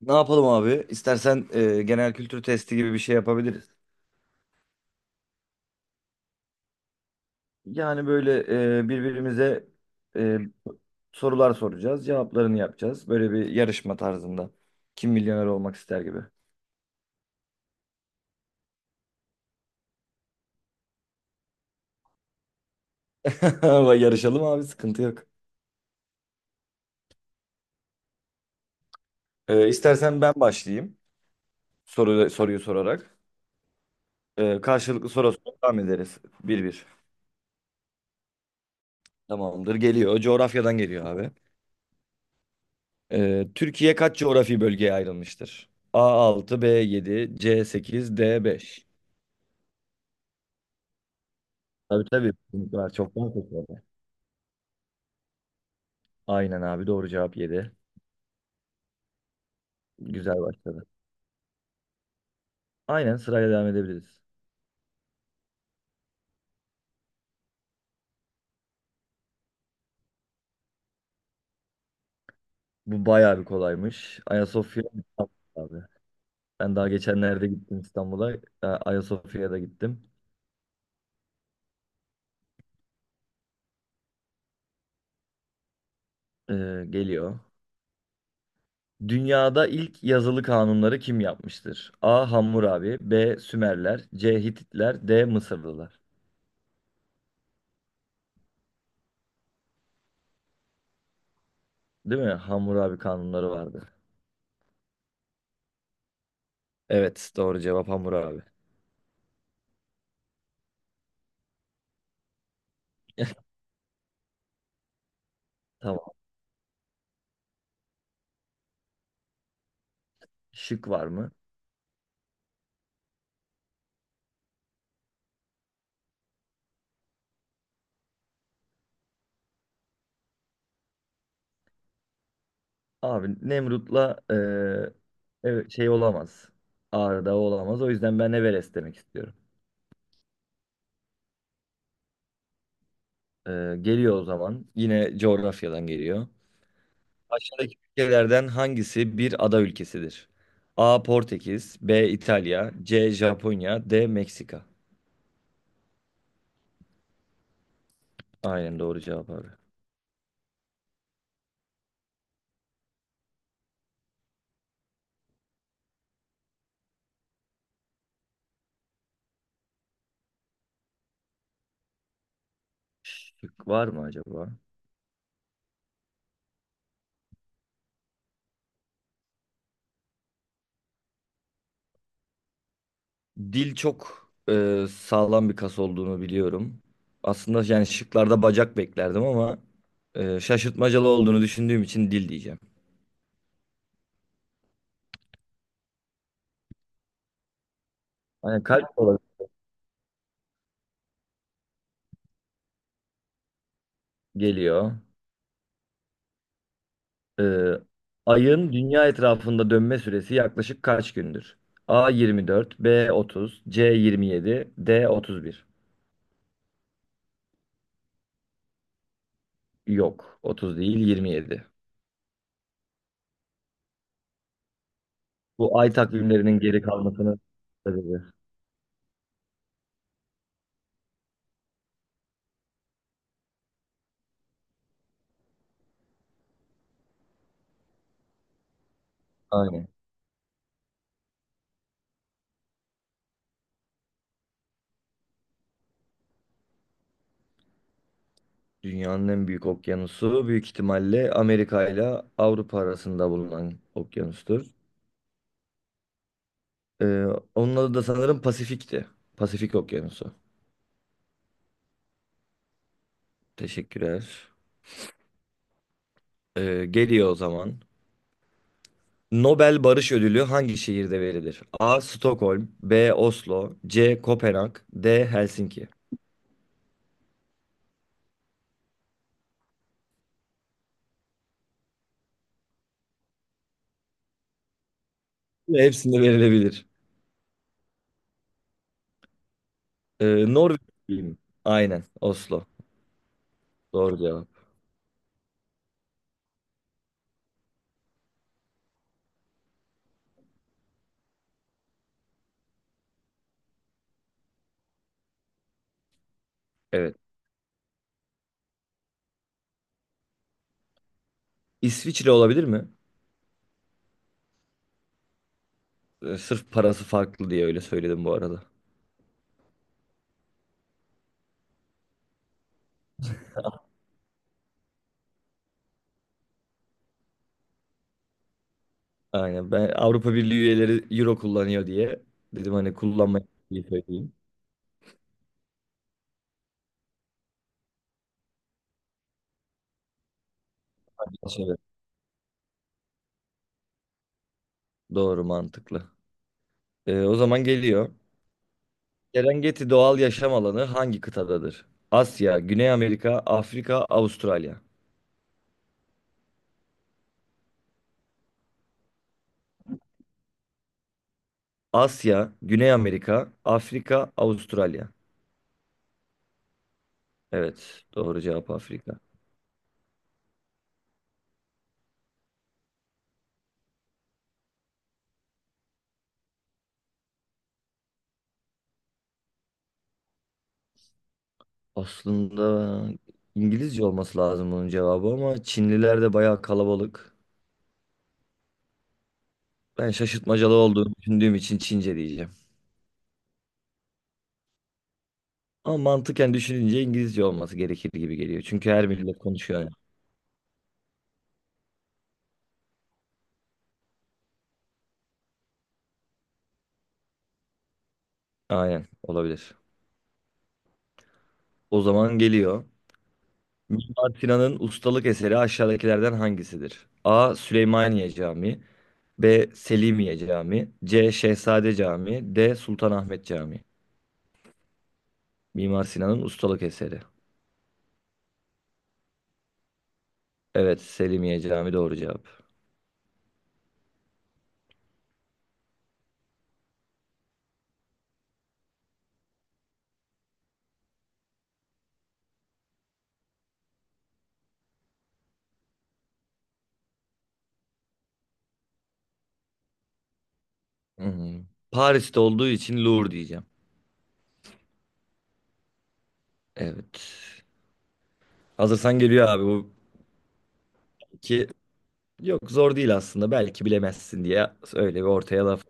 Ne yapalım abi? İstersen genel kültür testi gibi bir şey yapabiliriz. Yani böyle birbirimize e, sorular soracağız, cevaplarını yapacağız. Böyle bir yarışma tarzında. Kim milyoner olmak ister gibi. Ama yarışalım abi, sıkıntı yok. İstersen ben başlayayım soruyu sorarak. Karşılıklı soru devam ederiz. Bir bir. Tamamdır, geliyor. Coğrafyadan geliyor abi. Türkiye kaç coğrafi bölgeye ayrılmıştır? A altı, B yedi, C sekiz, D beş. Tabii tabii, kesinlikle var. Çoktan seçildi. Aynen abi, doğru cevap yedi. Güzel başladı. Aynen, sırayla devam edebiliriz. Bu bayağı bir kolaymış. Ayasofya İstanbul abi. Ben daha geçenlerde gittim İstanbul'a. Ayasofya'ya da gittim. Geliyor. Dünyada ilk yazılı kanunları kim yapmıştır? A. Hammurabi, B. Sümerler, C. Hititler, D. Mısırlılar. Değil mi? Hammurabi kanunları vardı. Evet, doğru cevap Hammurabi. Tamam. Şık var mı? Abi Nemrut'la evet, şey olamaz. Ağrı'da olamaz. O yüzden ben Everest demek istiyorum. Geliyor o zaman. Yine coğrafyadan geliyor. Aşağıdaki ülkelerden hangisi bir ada ülkesidir? A. Portekiz, B. İtalya, C. Japonya, D. Meksika. Aynen, doğru cevap abi. Şık var mı acaba? Dil çok sağlam bir kas olduğunu biliyorum. Aslında yani şıklarda bacak beklerdim ama şaşırtmacalı olduğunu düşündüğüm için dil diyeceğim. Hani kalp olarak geliyor. Ee, Ayın dünya etrafında dönme süresi yaklaşık kaç gündür? A 24, B 30, C 27, D 31. Yok, 30 değil 27. Bu ay takvimlerinin geri kalmasının sebebi. Aynen. Dünyanın en büyük okyanusu büyük ihtimalle Amerika ile Avrupa arasında bulunan okyanustur. Ee, Onun adı da sanırım Pasifik'ti. Pasifik Okyanusu. Teşekkürler. Geliyor o zaman. Nobel Barış Ödülü hangi şehirde verilir? A. Stockholm, B. Oslo, C. Kopenhag, D. Helsinki. Ve hepsinde verilebilir. Norveç mi? Aynen, Oslo. Doğru cevap. Evet. İsviçre olabilir mi? Sırf parası farklı diye öyle söyledim bu arada. Aynen, ben Avrupa Birliği üyeleri Euro kullanıyor diye dedim, hani kullanmayı söyleyeyim. Evet, doğru, mantıklı. O zaman geliyor. Serengeti doğal yaşam alanı hangi kıtadadır? Asya, Güney Amerika, Afrika, Avustralya. Asya, Güney Amerika, Afrika, Avustralya. Evet, doğru cevap Afrika. Aslında İngilizce olması lazım bunun cevabı ama Çinliler de bayağı kalabalık. Ben şaşırtmacalı olduğunu düşündüğüm için Çince diyeceğim. Ama mantıken düşününce İngilizce olması gerekir gibi geliyor. Çünkü her millet konuşuyor yani. Aynen, olabilir. O zaman geliyor. Mimar Sinan'ın ustalık eseri aşağıdakilerden hangisidir? A. Süleymaniye Camii, B. Selimiye Camii, C. Şehzade Camii, D. Sultanahmet Camii. Mimar Sinan'ın ustalık eseri. Evet, Selimiye Camii doğru cevap. Hmm. Paris'te olduğu için Louvre diyeceğim. Evet. Hazırsan geliyor abi bu iki. Yok, zor değil aslında. Belki bilemezsin diye öyle bir ortaya laf.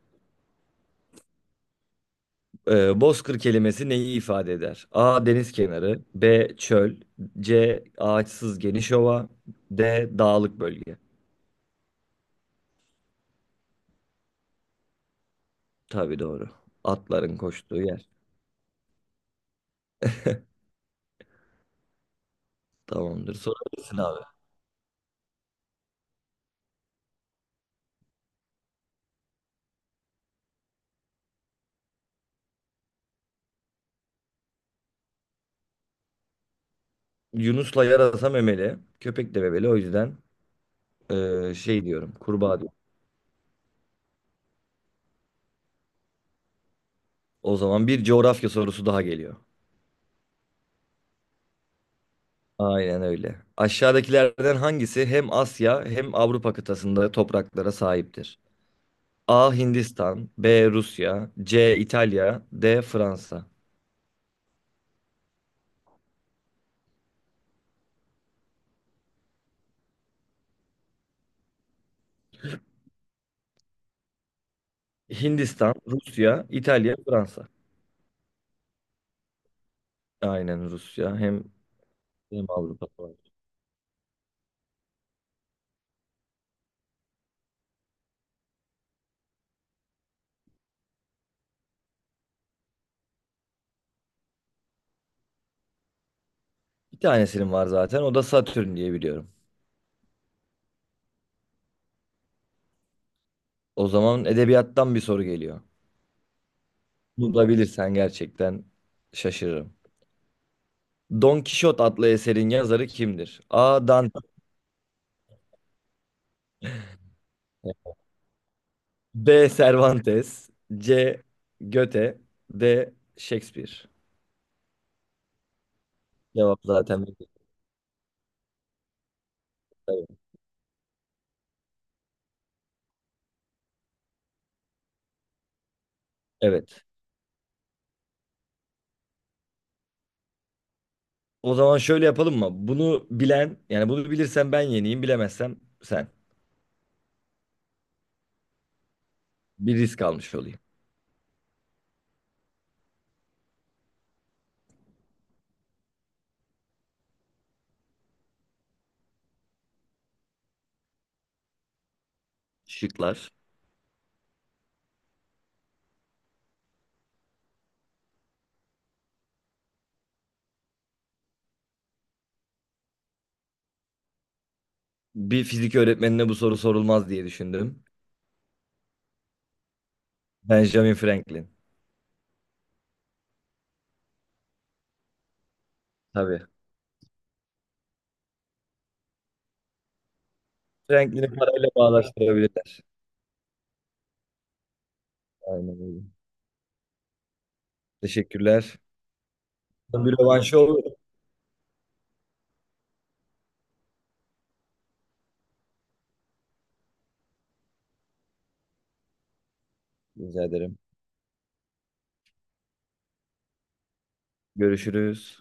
Bozkır kelimesi neyi ifade eder? A. Deniz kenarı. B. Çöl. C. Ağaçsız geniş ova. D. Dağlık bölge. Tabii, doğru. Atların koştuğu yer. Tamamdır. Sorabilirsin abi. Yunus'la yarasa memeli. Köpek de memeli. O yüzden şey diyorum. Kurbağa diyorum. O zaman bir coğrafya sorusu daha geliyor. Aynen öyle. Aşağıdakilerden hangisi hem Asya hem Avrupa kıtasında topraklara sahiptir? A. Hindistan, B. Rusya, C. İtalya, D. Fransa. Hindistan, Rusya, İtalya, Fransa. Aynen, Rusya. Hem Avrupa var. Bir tanesinin var zaten. O da Satürn diye biliyorum. O zaman edebiyattan bir soru geliyor. Bunu da bilirsen gerçekten şaşırırım. Don Kişot adlı eserin yazarı kimdir? A. Dante, B. Cervantes, C. Goethe, D. Shakespeare. Cevap zaten belli. Evet. O zaman şöyle yapalım mı? Bunu bilen, yani bunu bilirsen ben yeneyim, bilemezsem sen. Bir risk almış olayım. Şıklar. Bir fizik öğretmenine bu soru sorulmaz diye düşündüm. Benjamin Franklin. Tabii. Franklin'i parayla bağdaştırabilirler. Aynen öyle. Teşekkürler. Bir rövanşı olur. Rica ederim. Görüşürüz.